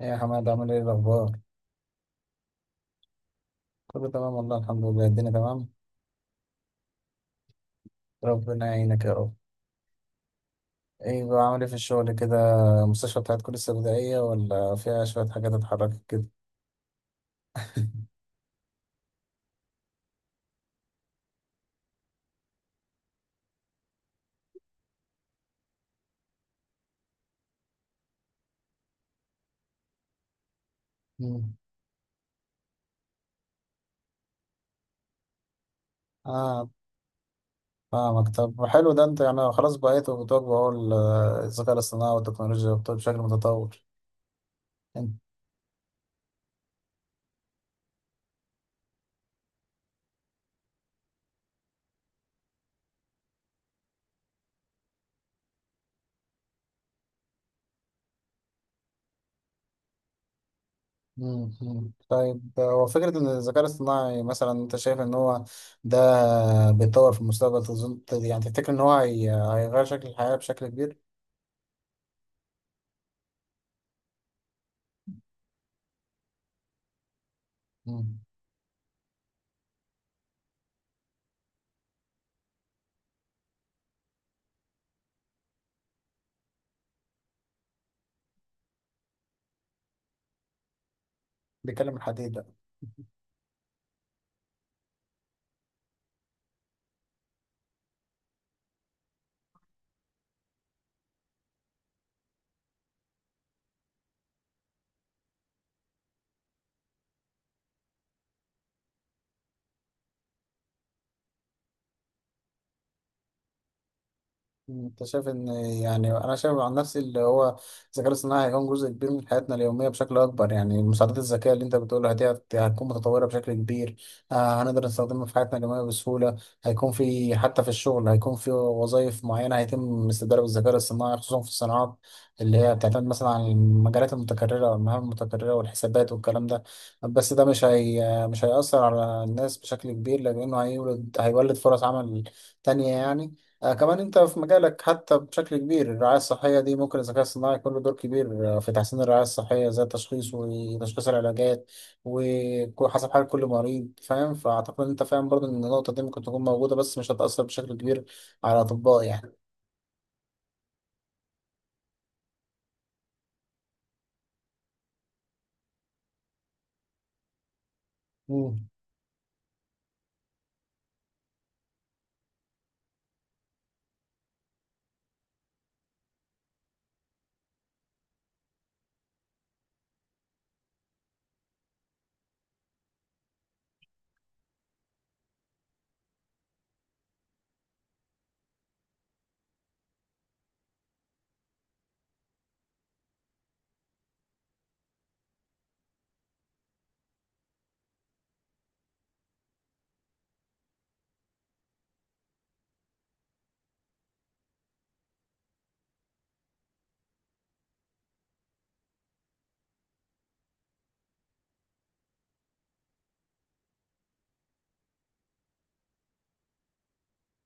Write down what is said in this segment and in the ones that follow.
ايه يا حماد، عامل ايه الاخبار؟ كله تمام والله، الحمد لله الدنيا تمام. ربنا يعينك يا رب. ايه بقى، عامل ايه في الشغل كده؟ المستشفى بتاعتكم لسه بدائية، ولا فيها شوية حاجات اتحركت كده؟ مم. اه، فاهمك. طب حلو، ده انت يعني خلاص بقيتوا بتواجهوا اهو الذكاء الاصطناعي والتكنولوجيا والطب بشكل متطور. انت. مم، مم. طيب، هو فكرة إن الذكاء الاصطناعي مثلا أنت شايف إن هو ده بيتطور في المستقبل، تظن يعني تفتكر إن هو هيغير شكل الحياة بشكل كبير؟ بيكلم الحديد ده. مم، انت شايف ان، يعني انا شايف عن نفسي اللي هو الذكاء الاصطناعي هيكون جزء كبير من حياتنا اليوميه بشكل اكبر، يعني المساعدات الذكيه اللي انت بتقولها دي هتكون متطوره بشكل كبير. هنقدر نستخدمها في حياتنا اليوميه بسهوله. هيكون في حتى في الشغل، هيكون في وظائف معينه هيتم استبدالها بالذكاء الاصطناعي، خصوصا في الصناعات اللي هي بتعتمد مثلا على المجالات المتكرره والمهام المتكرره والحسابات والكلام ده. بس ده مش هيأثر على الناس بشكل كبير، لأنه هيولد فرص عمل تانية يعني. كمان انت في مجالك، حتى بشكل كبير الرعاية الصحية دي ممكن الذكاء الصناعي يكون له دور كبير، في تحسين الرعاية الصحية زي التشخيص وتشخيص العلاجات وحسب حال كل مريض، فاهم؟ فأعتقد ان انت فاهم برضه ان النقطة دي ممكن تكون موجودة، بس مش هتأثر بشكل كبير على الأطباء يعني. مم.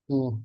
مم.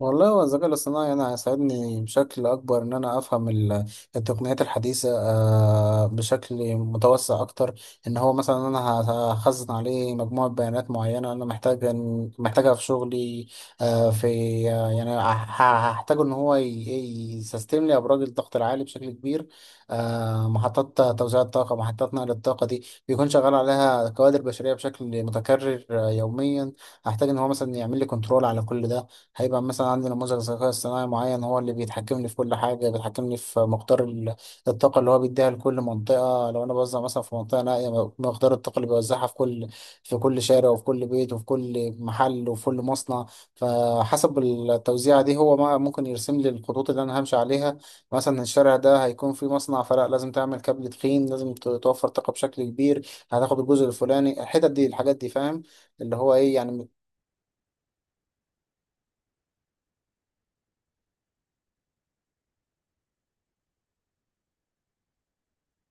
والله، هو الذكاء الاصطناعي أنا هيساعدني بشكل أكبر إن أنا أفهم التقنيات الحديثة، بشكل متوسع أكتر. إن هو مثلا أنا هخزن عليه مجموعة بيانات معينة أنا محتاج، محتاجها في شغلي. آه، في آه، يعني هحتاج إن هو يسيستم لي أبراج الضغط العالي بشكل كبير. محطات توزيع الطاقة، محطات نقل الطاقة دي بيكون شغال عليها كوادر بشرية بشكل متكرر يوميا. هحتاج إن هو مثلا يعمل لي كنترول على كل ده. هيبقى مثلا عندي نموذج ذكاء اصطناعي معين هو اللي بيتحكمني في كل حاجة، بيتحكمني في مقدار الطاقة اللي هو بيديها لكل منطقة، لو أنا بوزع مثلا في منطقة نائية. مقدار الطاقة اللي بيوزعها في كل شارع وفي كل بيت وفي كل محل وفي كل مصنع. فحسب التوزيعة دي، هو ما ممكن يرسم لي الخطوط اللي أنا همشي عليها. مثلا الشارع ده هيكون فيه مصنع، فلا لازم تعمل كابل تخين، لازم توفر طاقة بشكل كبير، هتاخد الجزء الفلاني، الحتت دي الحاجات دي، فاهم؟ اللي هو إيه يعني.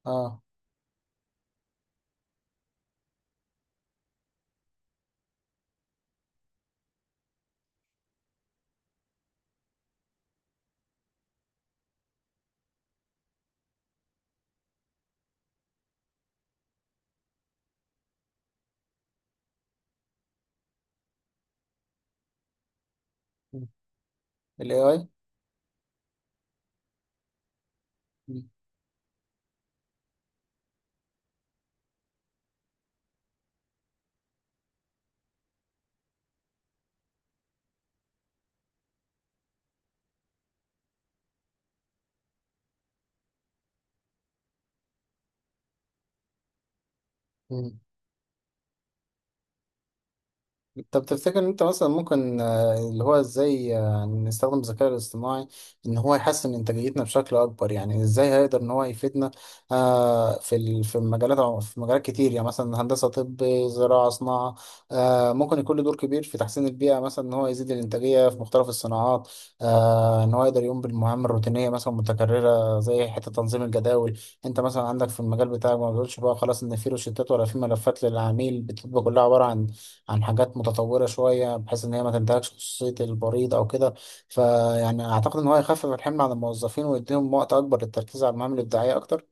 اه، ال AI. مم. طب تفتكر ان انت مثلا ممكن، اللي هو ازاي يعني نستخدم الذكاء الاصطناعي ان هو يحسن انتاجيتنا بشكل اكبر، يعني ازاي هيقدر ان هو يفيدنا. في مجالات كتير يعني، مثلا هندسة، طب، زراعة، صناعة. ممكن يكون له دور كبير في تحسين البيئة، مثلا ان هو يزيد الانتاجية في مختلف الصناعات. ان هو يقدر يقوم بالمهام الروتينية مثلا متكررة، زي حتة تنظيم الجداول. انت مثلا عندك في المجال بتاعك، ما بتقولش بقى خلاص ان في روشتات ولا في ملفات للعميل بتبقى كلها عبارة عن حاجات متطورة شوية بحيث إن هي ما تنتهكش خصوصية البريد أو كده. فيعني أعتقد إن هو يخفف الحمل عن الموظفين ويديهم وقت أكبر للتركيز على المهام الإبداعية أكتر.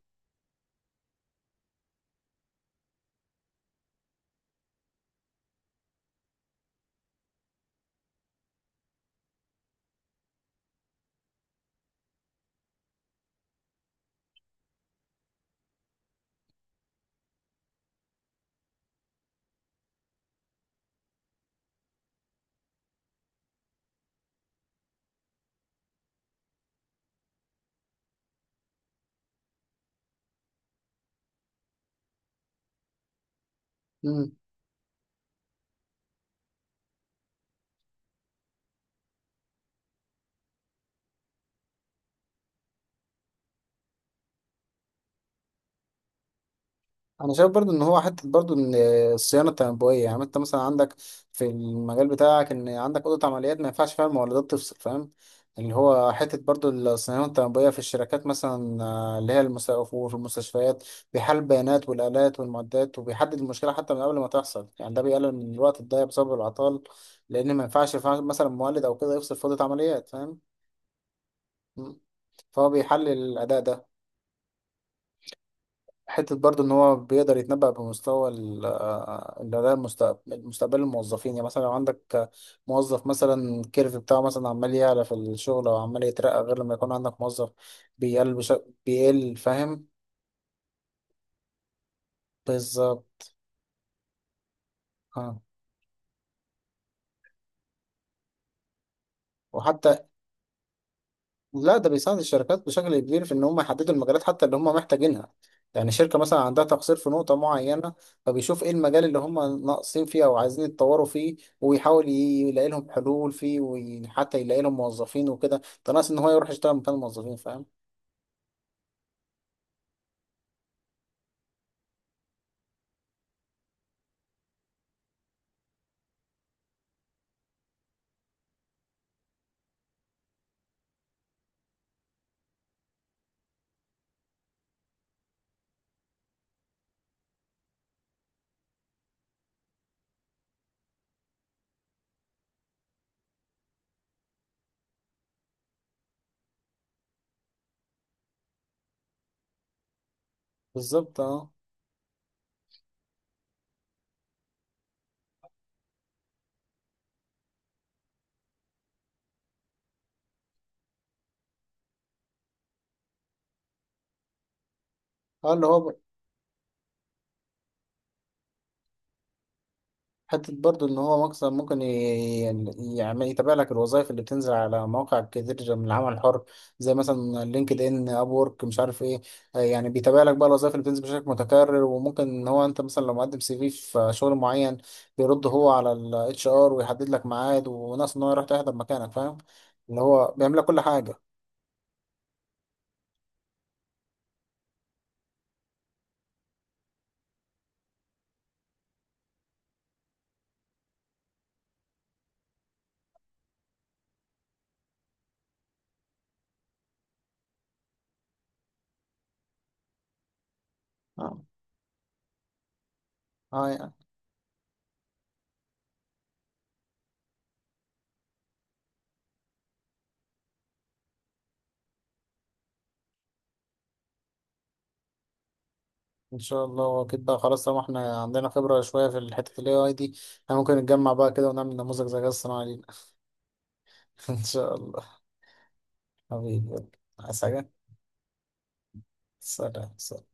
انا شايف برضو ان هو حته برضو ان الصيانه التنبؤيه، يعني انت مثلا عندك في المجال بتاعك ان عندك اوضه عمليات ما ينفعش فيها المولدات تفصل، فاهم؟ اللي هو حته برضو الصيانه التنبؤيه في الشركات مثلا، اللي هي وفي المستشفيات، بيحلل البيانات والالات والمعدات، وبيحدد المشكله حتى من قبل ما تحصل، يعني ده بيقلل من الوقت الضايع بسبب العطال. لان ما ينفعش مثلا مولد او كده يفصل في اوضه عمليات، فاهم؟ م. فهو بيحلل الاداء ده. حتة برضو إن هو بيقدر يتنبأ بمستوى ال- آه، اللي ده مستقبل الموظفين، يعني مثلا لو عندك موظف مثلا الكيرف بتاعه مثلا عمال يعلى في الشغل أو عمال يترقى، غير لما يكون عندك موظف بيقل بش... بيقل، فاهم؟ بالظبط. آه. وحتى. لا، ده بيساعد الشركات بشكل كبير في ان هم يحددوا المجالات حتى اللي هم محتاجينها. يعني شركة مثلا عندها تقصير في نقطة معينة، فبيشوف ايه المجال اللي هم ناقصين فيه او عايزين يتطوروا فيه، ويحاول يلاقي لهم حلول فيه، وحتى يلاقي لهم موظفين وكده. ده ناقص ان هو يروح يشتغل مكان الموظفين، فاهم؟ بالظبط، اه، اللي هو حتة برضو إن هو مكسب ممكن يعني يتابع لك الوظائف اللي بتنزل على مواقع كتير من العمل الحر، زي مثلا لينكد إن، أب وورك، مش عارف إيه. يعني بيتابع لك بقى الوظائف اللي بتنزل بشكل متكرر، وممكن إن هو أنت مثلا لو مقدم سي في في شغل معين، بيرد هو على الاتش ار ويحدد لك ميعاد وناس إن هو يروح تحضر مكانك، فاهم؟ اللي هو بيعمل لك كل حاجة. اه، اه، يعني ان شاء الله كده خلاص، طالما احنا عندنا خبرة شوية في الحتة ال AI دي، احنا ممكن نتجمع بقى كده ونعمل نموذج ذكاء اصطناعي لينا. ان شاء الله. حبيبي، يلا. عايز حاجة؟ سلام، سلام.